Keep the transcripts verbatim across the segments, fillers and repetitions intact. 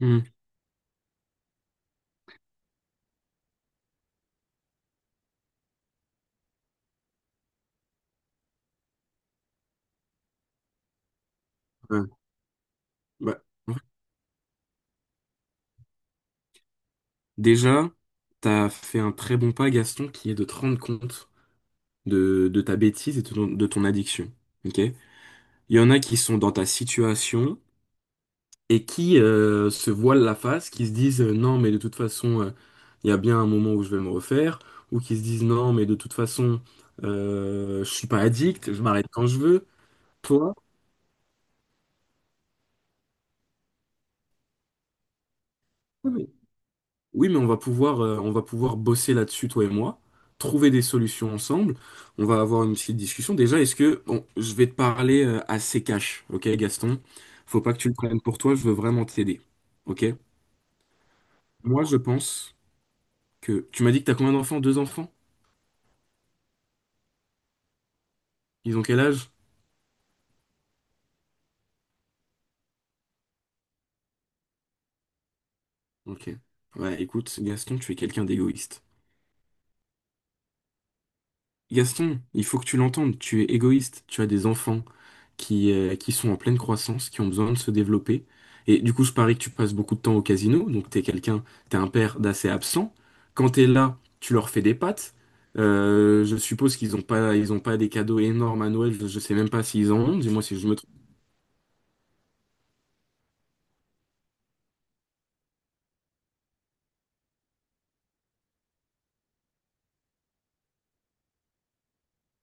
Hmm. Ouais. Bah, ouais. Déjà, t'as fait un très bon pas, Gaston, qui est de te rendre compte de, de ta bêtise et de ton, de ton addiction. Ok? Il y en a qui sont dans ta situation et qui euh, se voilent la face, qui se disent euh, non, mais de toute façon, euh, il y a bien un moment où je vais me refaire, ou qui se disent non, mais de toute façon, euh, je suis pas addict, je m'arrête quand je veux. Toi? Oui, mais on va pouvoir, euh, on va pouvoir bosser là-dessus, toi et moi, trouver des solutions ensemble. On va avoir une petite discussion. Déjà, est-ce que bon, je vais te parler euh, assez cash, ok, Gaston? Faut pas que tu le prennes pour toi. Je veux vraiment t'aider, ok? Moi, je pense que tu m'as dit que t'as combien d'enfants? Deux enfants? Ils ont quel âge? Ok. Ouais, écoute, Gaston, tu es quelqu'un d'égoïste. Gaston, il faut que tu l'entendes, tu es égoïste, tu as des enfants qui, euh, qui sont en pleine croissance, qui ont besoin de se développer. Et du coup, je parie que tu passes beaucoup de temps au casino, donc t'es quelqu'un, t'es un père d'assez absent. Quand t'es là, tu leur fais des pâtes. Euh, je suppose qu'ils n'ont pas, ils ont pas des cadeaux énormes à Noël, je, je sais même pas s'ils en ont, dis-moi si je me trompe.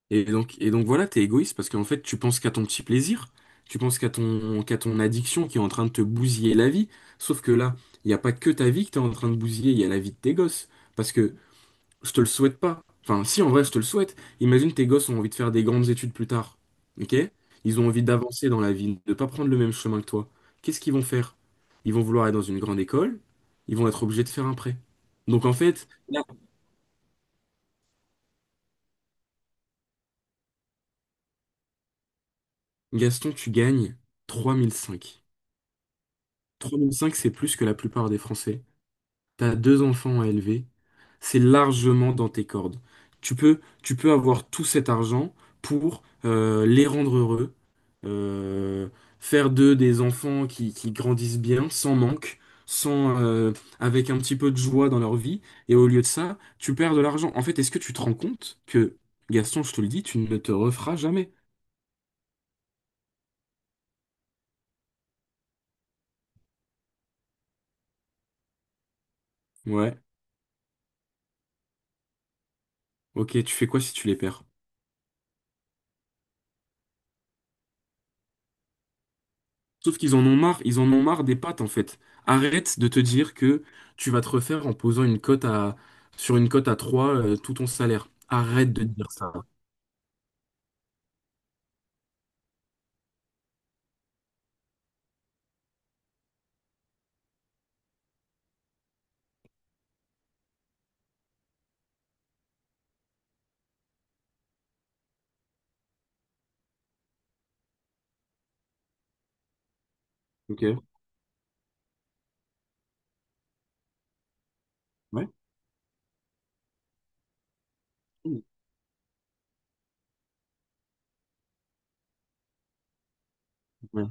Et donc, et donc voilà, t'es égoïste parce qu'en fait, tu penses qu'à ton petit plaisir, tu penses qu'à ton, qu'à ton addiction qui est en train de te bousiller la vie. Sauf que là, il n'y a pas que ta vie que t'es en train de bousiller, il y a la vie de tes gosses. Parce que je te le souhaite pas. Enfin, si, en vrai, je te le souhaite. Imagine tes gosses ont envie de faire des grandes études plus tard. Ok? Ils ont envie d'avancer dans la vie, de ne pas prendre le même chemin que toi. Qu'est-ce qu'ils vont faire? Ils vont vouloir être dans une grande école, ils vont être obligés de faire un prêt. Donc en fait, là, Gaston, tu gagnes trois mille cinq. trois virgule cinq, c'est plus que la plupart des Français. T'as deux enfants à élever, c'est largement dans tes cordes. Tu peux, tu peux avoir tout cet argent pour euh, les rendre heureux, euh, faire d'eux des enfants qui, qui grandissent bien, sans manque, sans, euh, avec un petit peu de joie dans leur vie. Et au lieu de ça, tu perds de l'argent. En fait, est-ce que tu te rends compte que, Gaston, je te le dis, tu ne te referas jamais? Ouais, ok, tu fais quoi si tu les perds? Sauf qu'ils en ont marre, ils en ont marre des pattes en fait. Arrête de te dire que tu vas te refaire en posant une cote à sur une cote à trois euh, tout ton salaire. Arrête de dire ça. Ok. Ouais. Ouais.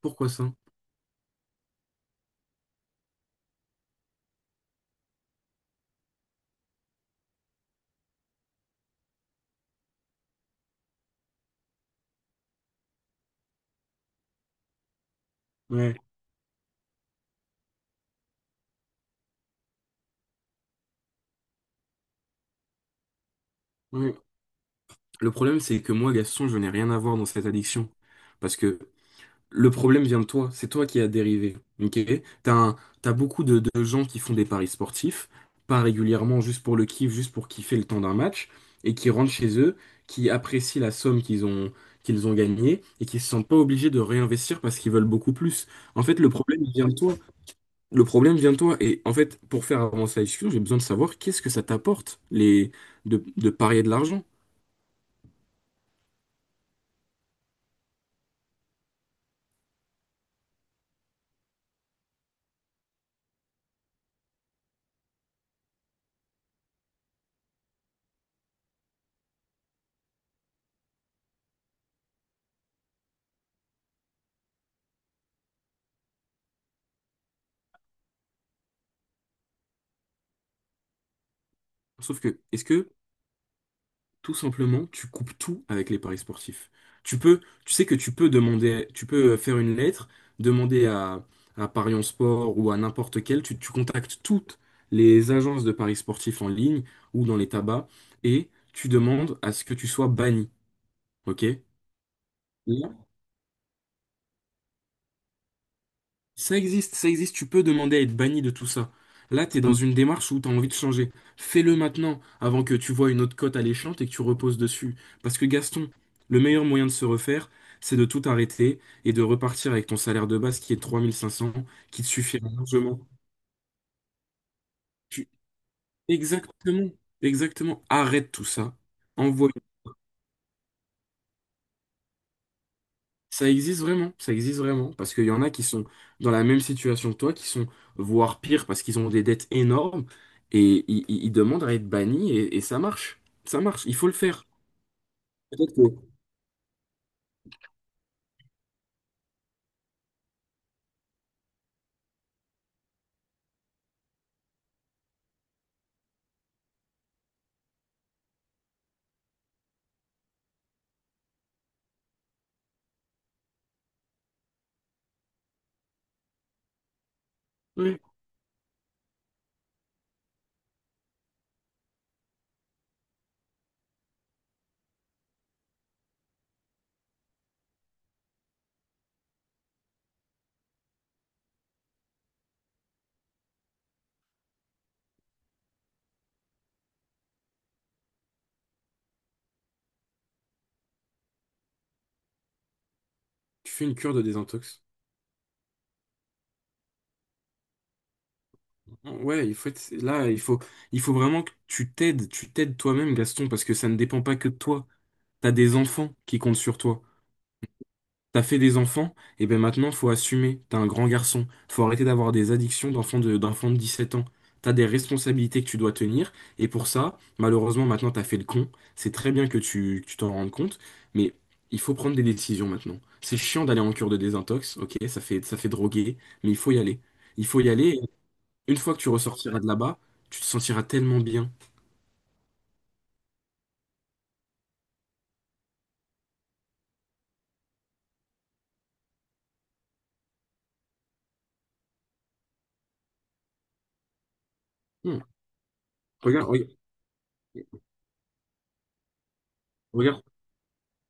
Pourquoi ça? Ouais. Ouais. Le problème, c'est que moi, Gaston, je n'ai rien à voir dans cette addiction. Parce que Le problème vient de toi, c'est toi qui as dérivé. Ok? T'as un- t'as beaucoup de, de gens qui font des paris sportifs, pas régulièrement, juste pour le kiff, juste pour kiffer le temps d'un match, et qui rentrent chez eux, qui apprécient la somme qu'ils ont, qu'ils ont gagnée, et qui se sentent pas obligés de réinvestir parce qu'ils veulent beaucoup plus. En fait, le problème vient de toi. Le problème vient de toi. Et en fait, pour faire avancer la discussion, j'ai besoin de savoir qu'est-ce que ça t'apporte les, de, de parier de l'argent. Sauf que, est-ce que Tout simplement, tu coupes tout avec les paris sportifs. Tu peux, tu sais que tu peux demander, tu peux euh, faire une lettre, demander à, à Paris en Sport ou à n'importe quel, tu, tu contactes toutes les agences de paris sportifs en ligne ou dans les tabacs et tu demandes à ce que tu sois banni. OK? Là, Ça existe, ça existe, tu peux demander à être banni de tout ça. Là, t'es dans une démarche où t'as envie de changer. Fais-le maintenant, avant que tu vois une autre cote alléchante et que tu reposes dessus. Parce que Gaston, le meilleur moyen de se refaire, c'est de tout arrêter et de repartir avec ton salaire de base qui est trois mille cinq cents, qui te suffira largement. Tu... Exactement, exactement. Arrête tout ça. Ça existe vraiment, ça existe vraiment, parce qu'il y en a qui sont dans la même situation que toi, qui sont voire pire parce qu'ils ont des dettes énormes et ils, ils- ils demandent à être bannis et, et ça marche, ça marche, il faut le faire. Peut-être que ouais, tu fais une cure de désintox. Ouais, il faut être- là, il faut, il faut vraiment que tu t'aides, tu t'aides toi-même, Gaston, parce que ça ne dépend pas que de toi. T'as des enfants qui comptent sur toi. T'as fait des enfants, et ben maintenant faut assumer, t'es un grand garçon, faut arrêter d'avoir des addictions d'enfant de, d'enfant de dix-sept ans. T'as des responsabilités que tu dois tenir, et pour ça, malheureusement maintenant t'as fait le con, c'est très bien que tu, que tu t'en rendes compte, mais il faut prendre des décisions maintenant. C'est chiant d'aller en cure de désintox, ok, ça fait, ça fait droguer, mais il faut y aller. Il faut y aller, et une fois que tu ressortiras de là-bas, tu te sentiras tellement bien. Hmm. Regarde, regarde, regarde,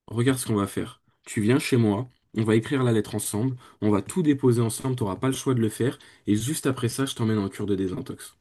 Regarde ce qu'on va faire. Tu viens chez moi, on va écrire la lettre ensemble, on va tout déposer ensemble, t'auras pas le choix de le faire, et juste après ça, je t'emmène en cure de désintox.